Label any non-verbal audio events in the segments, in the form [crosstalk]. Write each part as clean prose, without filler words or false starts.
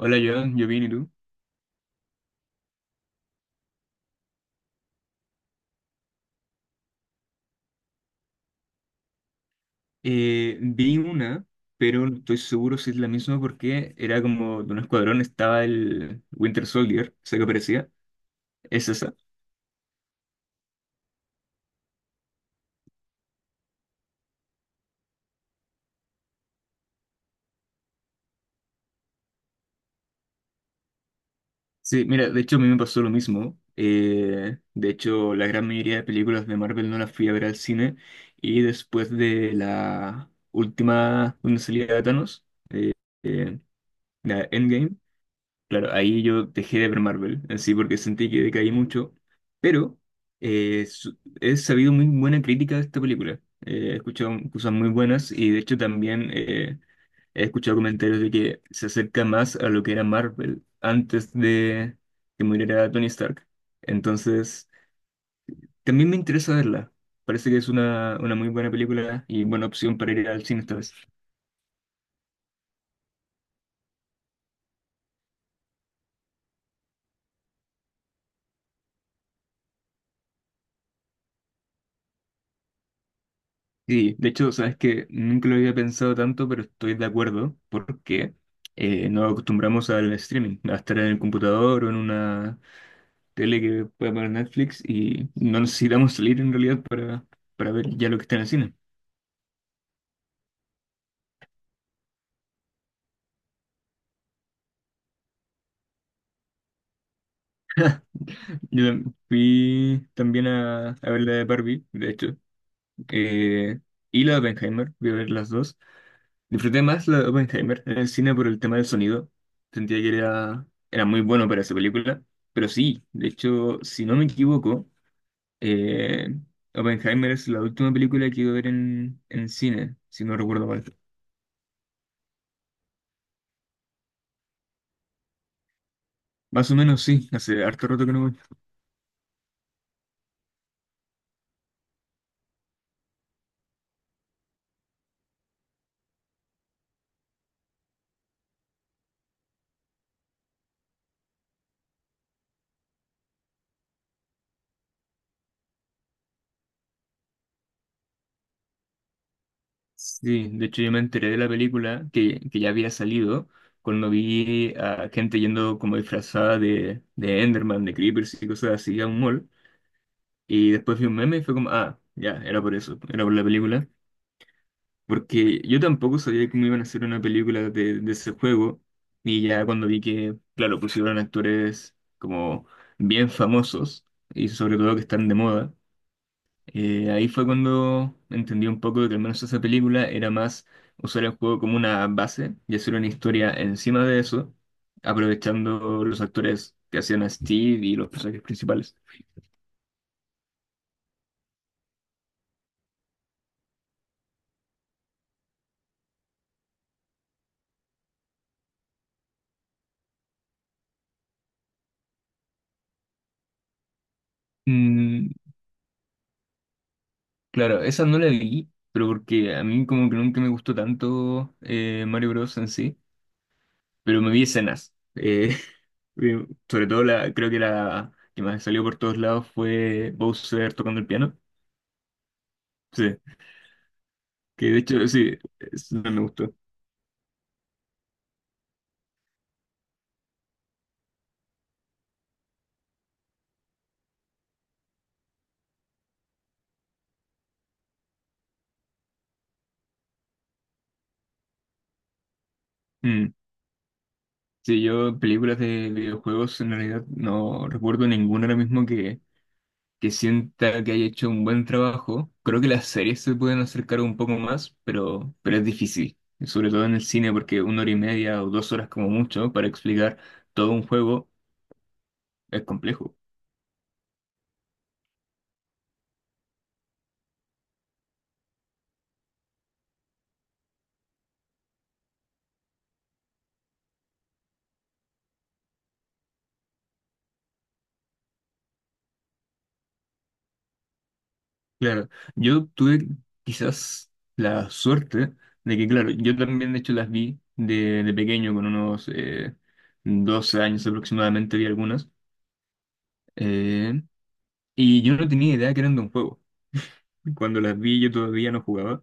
Hola, Joan, yo bien, ¿y tú? Vi una, pero no estoy seguro si es la misma porque era como de un escuadrón, estaba el Winter Soldier, sé que aparecía. ¿Es esa? Sí, mira, de hecho a mí me pasó lo mismo. De hecho, la gran mayoría de películas de Marvel no las fui a ver al cine. Y después de la última donde salía Thanos, eh, la Endgame, claro, ahí yo dejé de ver Marvel, así porque sentí que decaí mucho, pero he sabido muy buena crítica de esta película. He escuchado cosas muy buenas y de hecho también he escuchado comentarios de que se acerca más a lo que era Marvel antes de que muriera Tony Stark. Entonces, también me interesa verla. Parece que es una muy buena película y buena opción para ir al cine esta vez. Sí, de hecho, sabes que nunca lo había pensado tanto, pero estoy de acuerdo porque nos acostumbramos al streaming, a estar en el computador o en una tele que pueda poner Netflix y no necesitamos salir en realidad para ver ya lo que está en el cine. Yo fui también a ver la de Barbie, de hecho, eh, y la de Oppenheimer, voy a ver las dos. Disfruté más la de Oppenheimer en el cine por el tema del sonido, sentía que era muy bueno para esa película. Pero sí, de hecho, si no me equivoco, Eh, Oppenheimer es la última película que iba a ver en cine, si no recuerdo mal. Más o menos sí, hace harto rato que no voy. Sí, de hecho yo me enteré de la película que ya había salido cuando vi a gente yendo como disfrazada de Enderman, de Creepers y cosas así a un mall. Y después vi un meme y fue como, ah, ya, era por eso, era por la película. Porque yo tampoco sabía cómo iban a hacer una película de ese juego. Y ya cuando vi que, claro, pusieron actores como bien famosos y sobre todo que están de moda, ahí fue cuando entendí un poco de que al menos esa película era más usar el juego como una base y hacer una historia encima de eso, aprovechando los actores que hacían a Steve y los personajes principales. Mm, claro, esa no la vi, pero porque a mí como que nunca me gustó tanto Mario Bros. En sí. Pero me vi escenas. [laughs] Sobre todo la, creo que la que más salió por todos lados fue Bowser tocando el piano. Sí, que de hecho sí, eso no me gustó. Mm. Sí, yo películas de videojuegos en realidad no recuerdo ninguna ahora mismo que sienta que haya hecho un buen trabajo. Creo que las series se pueden acercar un poco más, pero es difícil. Sobre todo en el cine, porque una hora y media o 2 horas como mucho para explicar todo un juego es complejo. Claro, yo tuve quizás la suerte de que, claro, yo también de hecho las vi de pequeño, con unos 12 años aproximadamente vi algunas, eh, y yo no tenía idea que eran de un juego. Cuando las vi yo todavía no jugaba,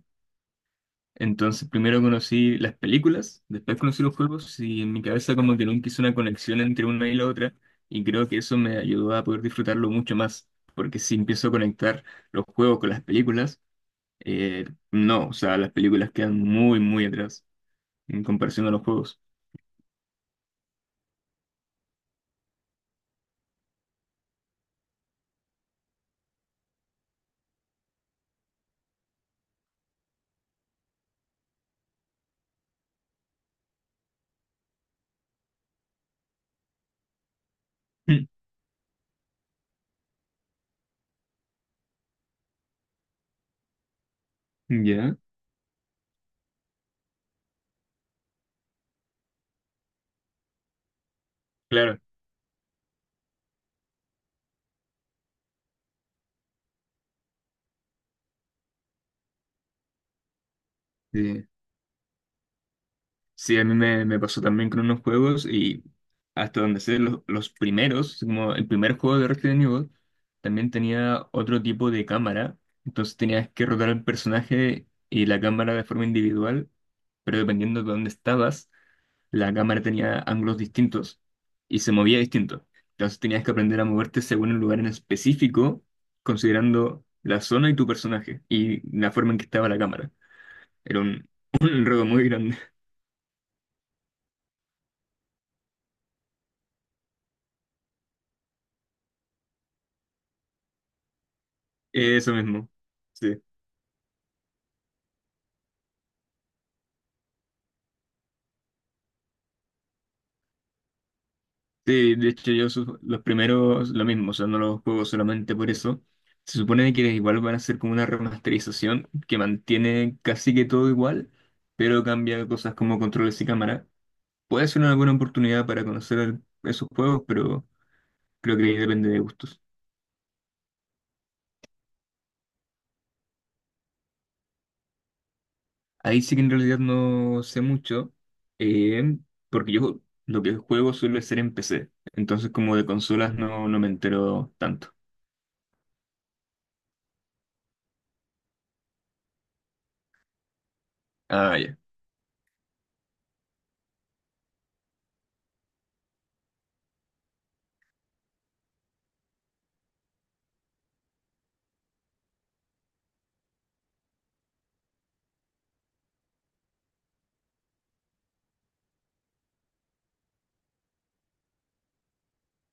entonces primero conocí las películas, después conocí los juegos y en mi cabeza como que nunca hice una conexión entre una y la otra, y creo que eso me ayudó a poder disfrutarlo mucho más, porque si empiezo a conectar los juegos con las películas, Eh, no, o sea, las películas quedan muy, muy atrás en comparación a los juegos. [laughs] Mm. ¿Ya? Claro. Sí, sí, a mí me pasó también con unos juegos y hasta donde sé, los primeros, como el primer juego de Resident Evil, también tenía otro tipo de cámara. Entonces tenías que rotar al personaje y la cámara de forma individual, pero dependiendo de dónde estabas, la cámara tenía ángulos distintos y se movía distinto. Entonces tenías que aprender a moverte según el lugar en específico, considerando la zona y tu personaje y la forma en que estaba la cámara. Era un, [laughs] un enredo muy grande. Eso mismo. Sí. Sí, de hecho yo los primeros lo mismo, o sea, no los juego solamente por eso. Se supone que igual van a ser como una remasterización que mantiene casi que todo igual, pero cambia cosas como controles y cámara. Puede ser una buena oportunidad para conocer esos juegos, pero creo que ahí depende de gustos. Ahí sí que en realidad no sé mucho, eh, porque yo lo que juego suele ser en PC, entonces como de consolas no, no me entero tanto. Ah, ya.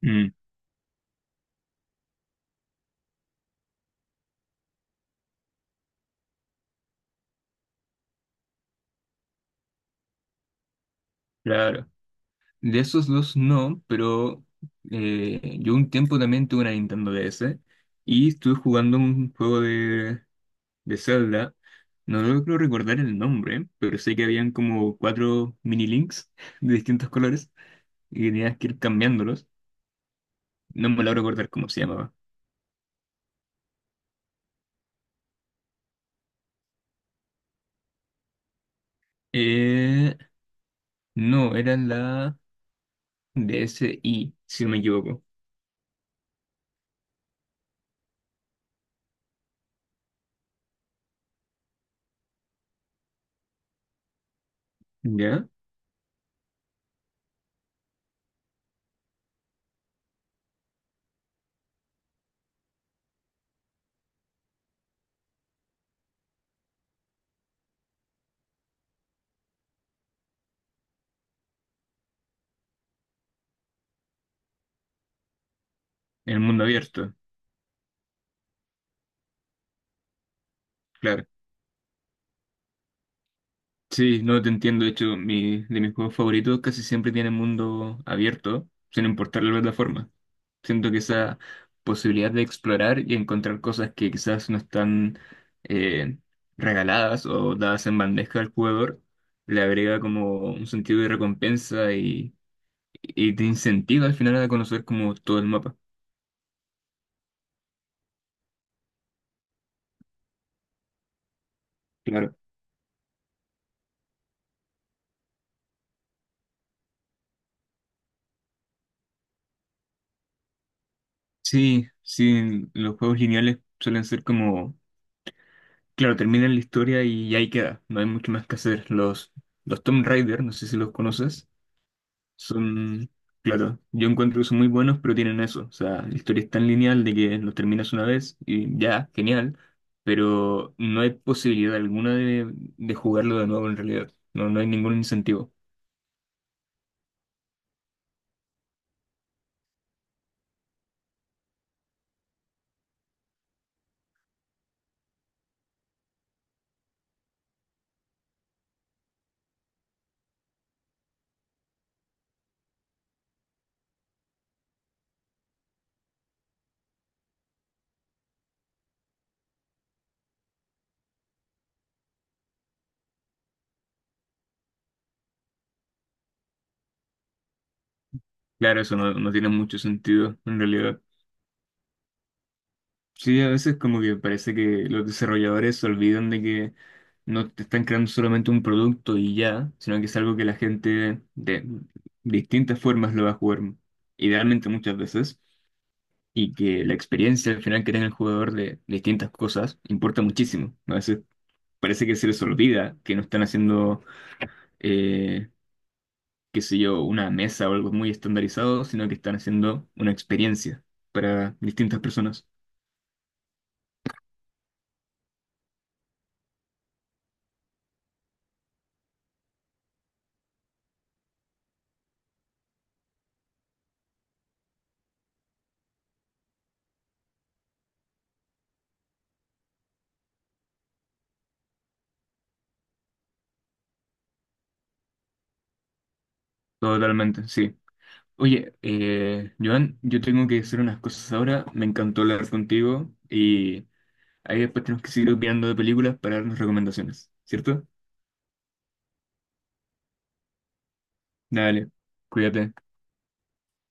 Mm, claro. De esos dos no, pero yo un tiempo también tuve una Nintendo DS y estuve jugando un juego de Zelda. No logro recordar el nombre, pero sé que habían como cuatro mini links de distintos colores y tenías que ir cambiándolos. No me logro recordar cómo se llamaba. Eh, no, era la DSi si no me equivoco. ¿Ya? El mundo abierto, claro. Sí, no te entiendo. De hecho, de mis juegos favoritos casi siempre tienen mundo abierto, sin importar la plataforma. Siento que esa posibilidad de explorar y encontrar cosas que quizás no están eh, regaladas o dadas en bandeja al jugador, le agrega como un sentido de recompensa y te incentiva al final a conocer como todo el mapa. Claro. Sí, sí, los juegos lineales suelen ser como, claro, terminan la historia y ahí queda, no hay mucho más que hacer. Los Tomb Raider, no sé si los conoces. Son, claro, yo encuentro que son muy buenos, pero tienen eso. O sea, la historia es tan lineal de que los terminas una vez y ya, genial, pero no hay posibilidad alguna de jugarlo de nuevo en realidad. No, no hay ningún incentivo. Claro, eso no, no tiene mucho sentido en realidad. Sí, a veces como que parece que los desarrolladores se olvidan de que no te están creando solamente un producto y ya, sino que es algo que la gente de distintas formas lo va a jugar, idealmente muchas veces, y que la experiencia al final que tenga el jugador de distintas cosas importa muchísimo, ¿no? A veces parece que se les olvida que no están haciendo, eh, qué sé yo, una mesa o algo muy estandarizado, sino que están haciendo una experiencia para distintas personas. Totalmente, sí. Oye, Joan, yo tengo que hacer unas cosas ahora. Me encantó hablar contigo y ahí después tenemos que seguir opinando de películas para darnos recomendaciones, ¿cierto? Dale, cuídate.